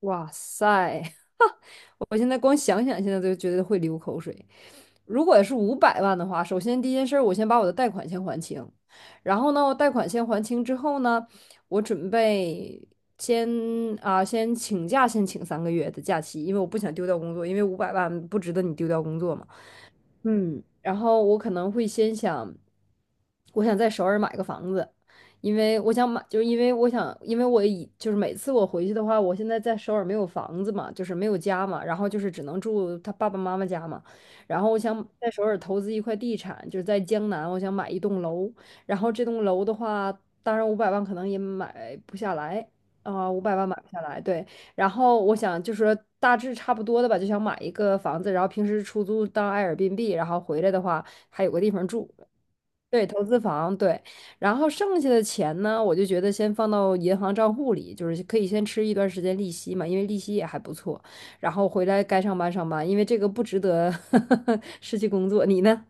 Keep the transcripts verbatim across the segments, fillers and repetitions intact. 哇塞！我现在光想想，现在都觉得会流口水。如果是五百万的话，首先第一件事儿，我先把我的贷款先还清，然后呢，我贷款先还清之后呢，我准备先啊，先请假，先请三个月的假期，因为我不想丢掉工作，因为五百万不值得你丢掉工作嘛。嗯，然后我可能会先想，我想在首尔买个房子，因为我想买，就是因为我想，因为我以就是每次我回去的话，我现在在首尔没有房子嘛，就是没有家嘛，然后就是只能住他爸爸妈妈家嘛。然后我想在首尔投资一块地产，就是在江南，我想买一栋楼，然后这栋楼的话，当然五百万可能也买不下来啊，五百万买不下来，对。然后我想就说大致差不多的吧，就想买一个房子，然后平时出租当 a 尔 r 币，然后回来的话还有个地方住。对，投资房，对。然后剩下的钱呢，我就觉得先放到银行账户里，就是可以先吃一段时间利息嘛，因为利息也还不错。然后回来该上班上班，因为这个不值得 失去工作。你呢？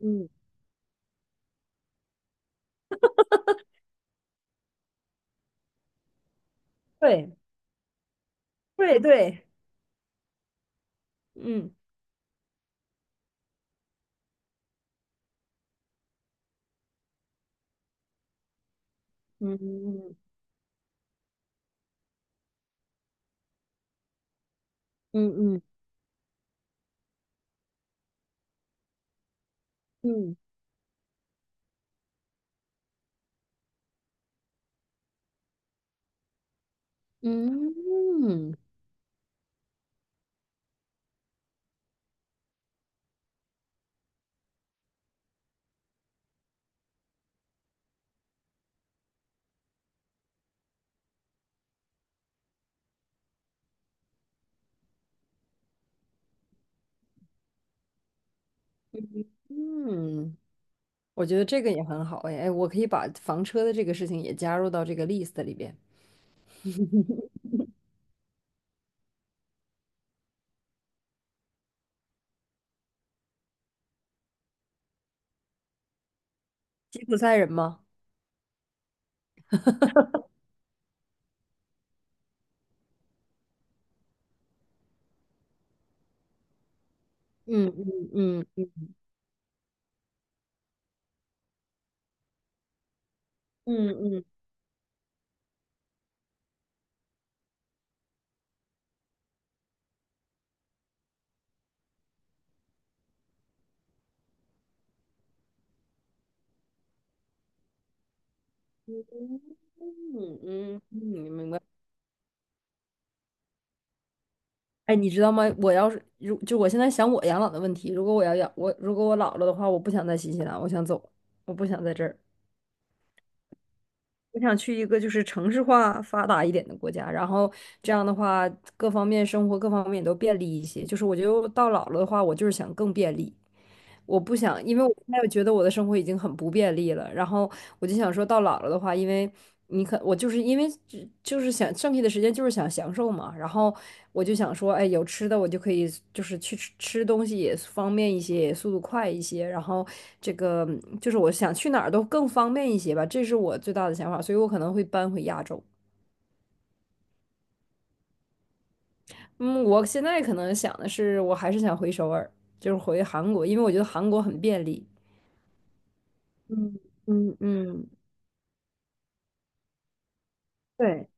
嗯，对对对。嗯嗯嗯嗯嗯嗯。嗯嗯。嗯嗯我觉得这个也很好哎，哎，我可以把房车的这个事情也加入到这个 list 里边。吉普赛人吗？嗯嗯嗯嗯嗯嗯嗯。哎，你知道吗？我要是如就我现在想我养老的问题，如果我要养我如果我老了的话，我不想在新西兰，我想走，我不想在这儿，我想去一个就是城市化发达一点的国家，然后这样的话各方面生活各方面都便利一些。就是我觉得到老了的话，我就是想更便利。我不想，因为我现在觉得我的生活已经很不便利了，然后我就想说到老了的话，因为你可我就是因为只就是想剩下的时间就是想享受嘛，然后我就想说，哎，有吃的我就可以就是去吃吃东西也方便一些，也速度快一些，然后这个就是我想去哪儿都更方便一些吧，这是我最大的想法，所以我可能会搬回亚洲。嗯，我现在可能想的是，我还是想回首尔，就是回韩国，因为我觉得韩国很便利。嗯嗯嗯，对。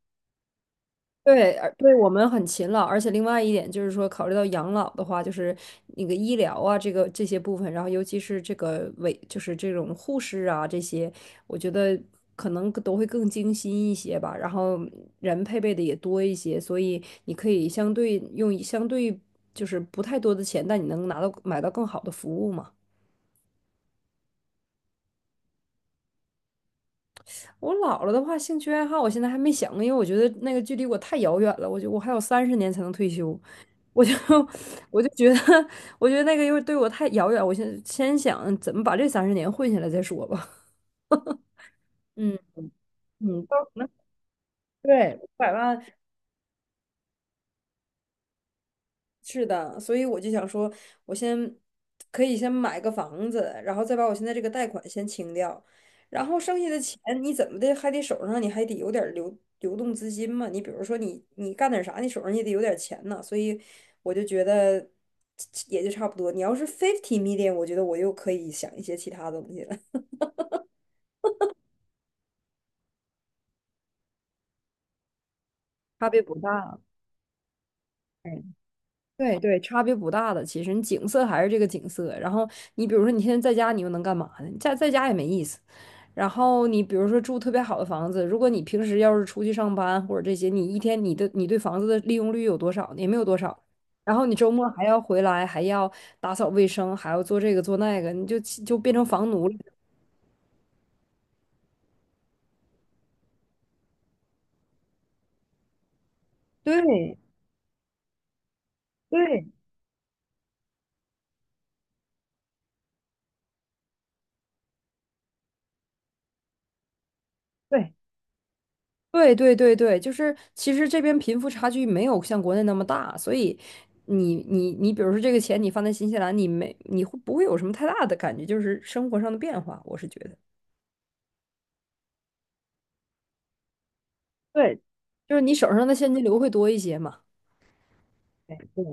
对，而对我们很勤劳，而且另外一点就是说，考虑到养老的话，就是那个医疗啊，这个这些部分，然后尤其是这个委，就是这种护士啊这些，我觉得可能都会更精心一些吧，然后人配备的也多一些，所以你可以相对用相对就是不太多的钱，但你能拿到买到更好的服务嘛。我老了的话，兴趣爱好我现在还没想，因为我觉得那个距离我太遥远了。我觉得我还有三十年才能退休，我就 我就觉得，我觉得那个又对我太遥远。我现在先想怎么把这三十年混下来再说吧。嗯嗯，对，五百万是的，所以我就想说，我先可以先买个房子，然后再把我现在这个贷款先清掉，然后剩下的钱你怎么的还得手上你还得有点儿流流动资金嘛。你比如说你你干点啥，你手上也得有点儿钱呢。所以我就觉得也就差不多。你要是 fifty million，我觉得我又可以想一些其他东西了。差别不大。嗯。对对，差别不大的。其实你景色还是这个景色。然后你比如说你现在在家，你又能干嘛呢？你在在家也没意思。然后你比如说住特别好的房子，如果你平时要是出去上班或者这些，你一天你的你对房子的利用率有多少呢？也没有多少。然后你周末还要回来，还要打扫卫生，还要做这个做那个，你就就变成房奴了。对对对。对对对对，就是其实这边贫富差距没有像国内那么大，所以你你你，比如说这个钱你放在新西兰，你没你会不会有什么太大的感觉，就是生活上的变化？我是觉得，对，就是你手上的现金流会多一些嘛。对，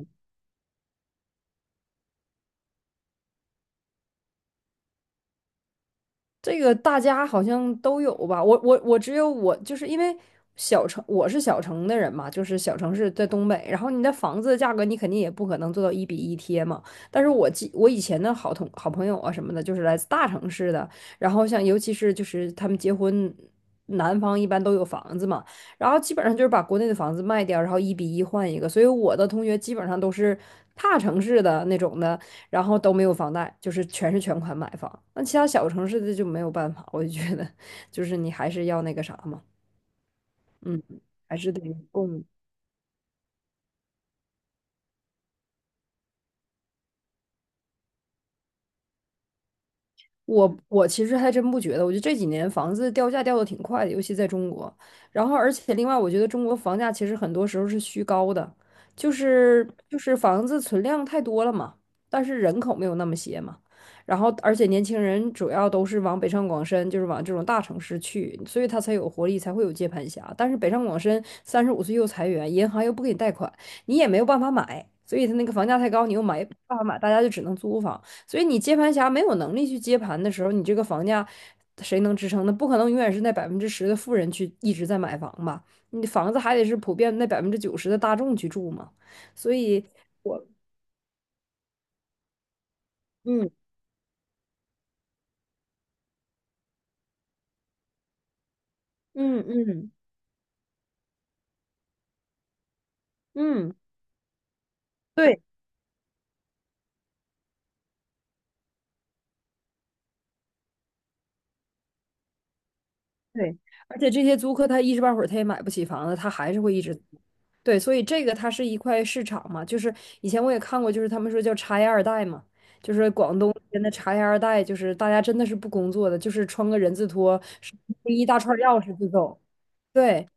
这个大家好像都有吧？我我我只有我，就是因为小城，我是小城的人嘛，就是小城市在东北。然后你的房子的价格，你肯定也不可能做到一比一贴嘛。但是我记我以前的好同好朋友啊什么的，就是来自大城市的，然后像尤其是就是他们结婚，男方一般都有房子嘛，然后基本上就是把国内的房子卖掉，然后一比一换一个。所以我的同学基本上都是大城市的那种的。然后都没有房贷，就是全是全款买房。那其他小城市的就没有办法，我就觉得 就是你还是要那个啥嘛，嗯，还是得供我我其实还真不觉得，我觉得这几年房子掉价掉的挺快的，尤其在中国。然后，而且另外，我觉得中国房价其实很多时候是虚高的，就是就是房子存量太多了嘛，但是人口没有那么些嘛。然后，而且年轻人主要都是往北上广深，就是往这种大城市去，所以他才有活力，才会有接盘侠。但是北上广深三十五岁又裁员，银行又不给你贷款，你也没有办法买，所以他那个房价太高，你又买办法买，大家就只能租房。所以你接盘侠没有能力去接盘的时候，你这个房价谁能支撑呢？不可能永远是那百分之十的富人去一直在买房吧？你的房子还得是普遍那百分之九十的大众去住嘛。所以我，嗯嗯嗯嗯，对对，而且这些租客他一时半会儿他也买不起房子，他还是会一直对，所以这个它是一块市场嘛，就是以前我也看过，就是他们说叫茶叶二代嘛，就是广东那边的茶叶二代，就是大家真的是不工作的，就是穿个人字拖，是一大串钥匙就走。对。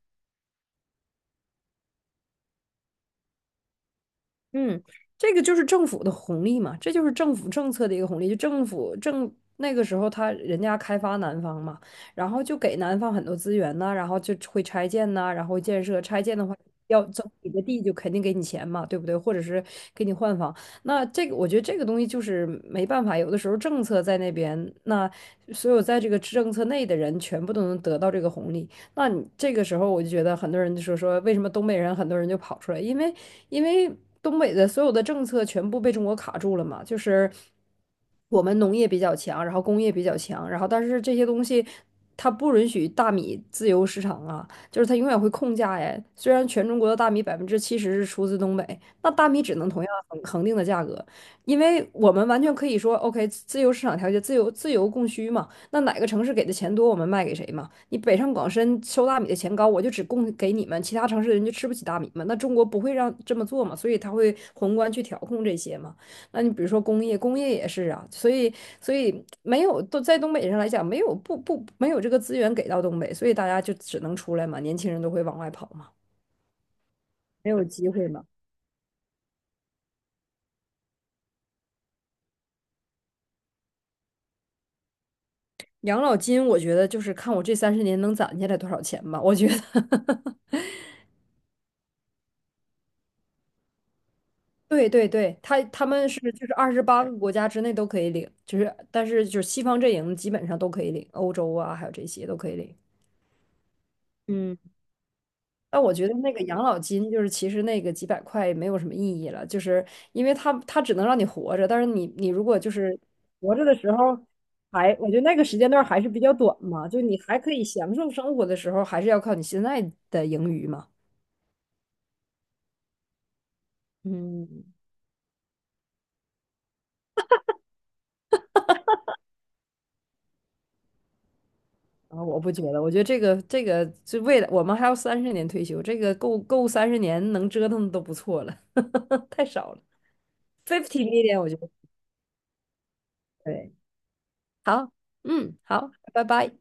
嗯，这个就是政府的红利嘛，这就是政府政策的一个红利。就政府政那个时候他，人家开发南方嘛，然后就给南方很多资源呐、然后就会拆建呐、然后建设。拆建的话，要征你的地就肯定给你钱嘛，对不对？或者是给你换房。那这个我觉得这个东西就是没办法，有的时候政策在那边，那所有在这个政策内的人全部都能得到这个红利。那你这个时候我就觉得很多人就说说为什么东北人很多人就跑出来，因为因为东北的所有的政策全部被中国卡住了嘛，就是我们农业比较强，然后工业比较强，然后但是这些东西。它不允许大米自由市场啊，就是它永远会控价呀。虽然全中国的大米百分之七十是出自东北，那大米只能同样恒恒定的价格，因为我们完全可以说，O K，自由市场调节，自由自由供需嘛。那哪个城市给的钱多，我们卖给谁嘛？你北上广深收大米的钱高，我就只供给你们，其他城市的人就吃不起大米嘛。那中国不会让这么做嘛，所以他会宏观去调控这些嘛。那你比如说工业，工业也是啊，所以所以没有都在东北上来讲，没有不不没有这个资源给到东北，所以大家就只能出来嘛，年轻人都会往外跑嘛。没有机会嘛。养老金，我觉得就是看我这三十年能攒下来多少钱嘛，我觉得。对对对，他他们是就是二十八个国家之内都可以领，就是但是就是西方阵营基本上都可以领，欧洲啊还有这些都可以领。嗯，但我觉得那个养老金就是其实那个几百块没有什么意义了，就是因为它它只能让你活着，但是你你如果就是活着的时候还，我觉得那个时间段还是比较短嘛，就你还可以享受生活的时候，还是要靠你现在的盈余嘛。嗯，啊，我不觉得，我觉得这个这个就未来我们还要三十年退休，这个够够三十年能折腾的都不错了，太少了。fifty 一点我觉得对，好，嗯，好，拜拜。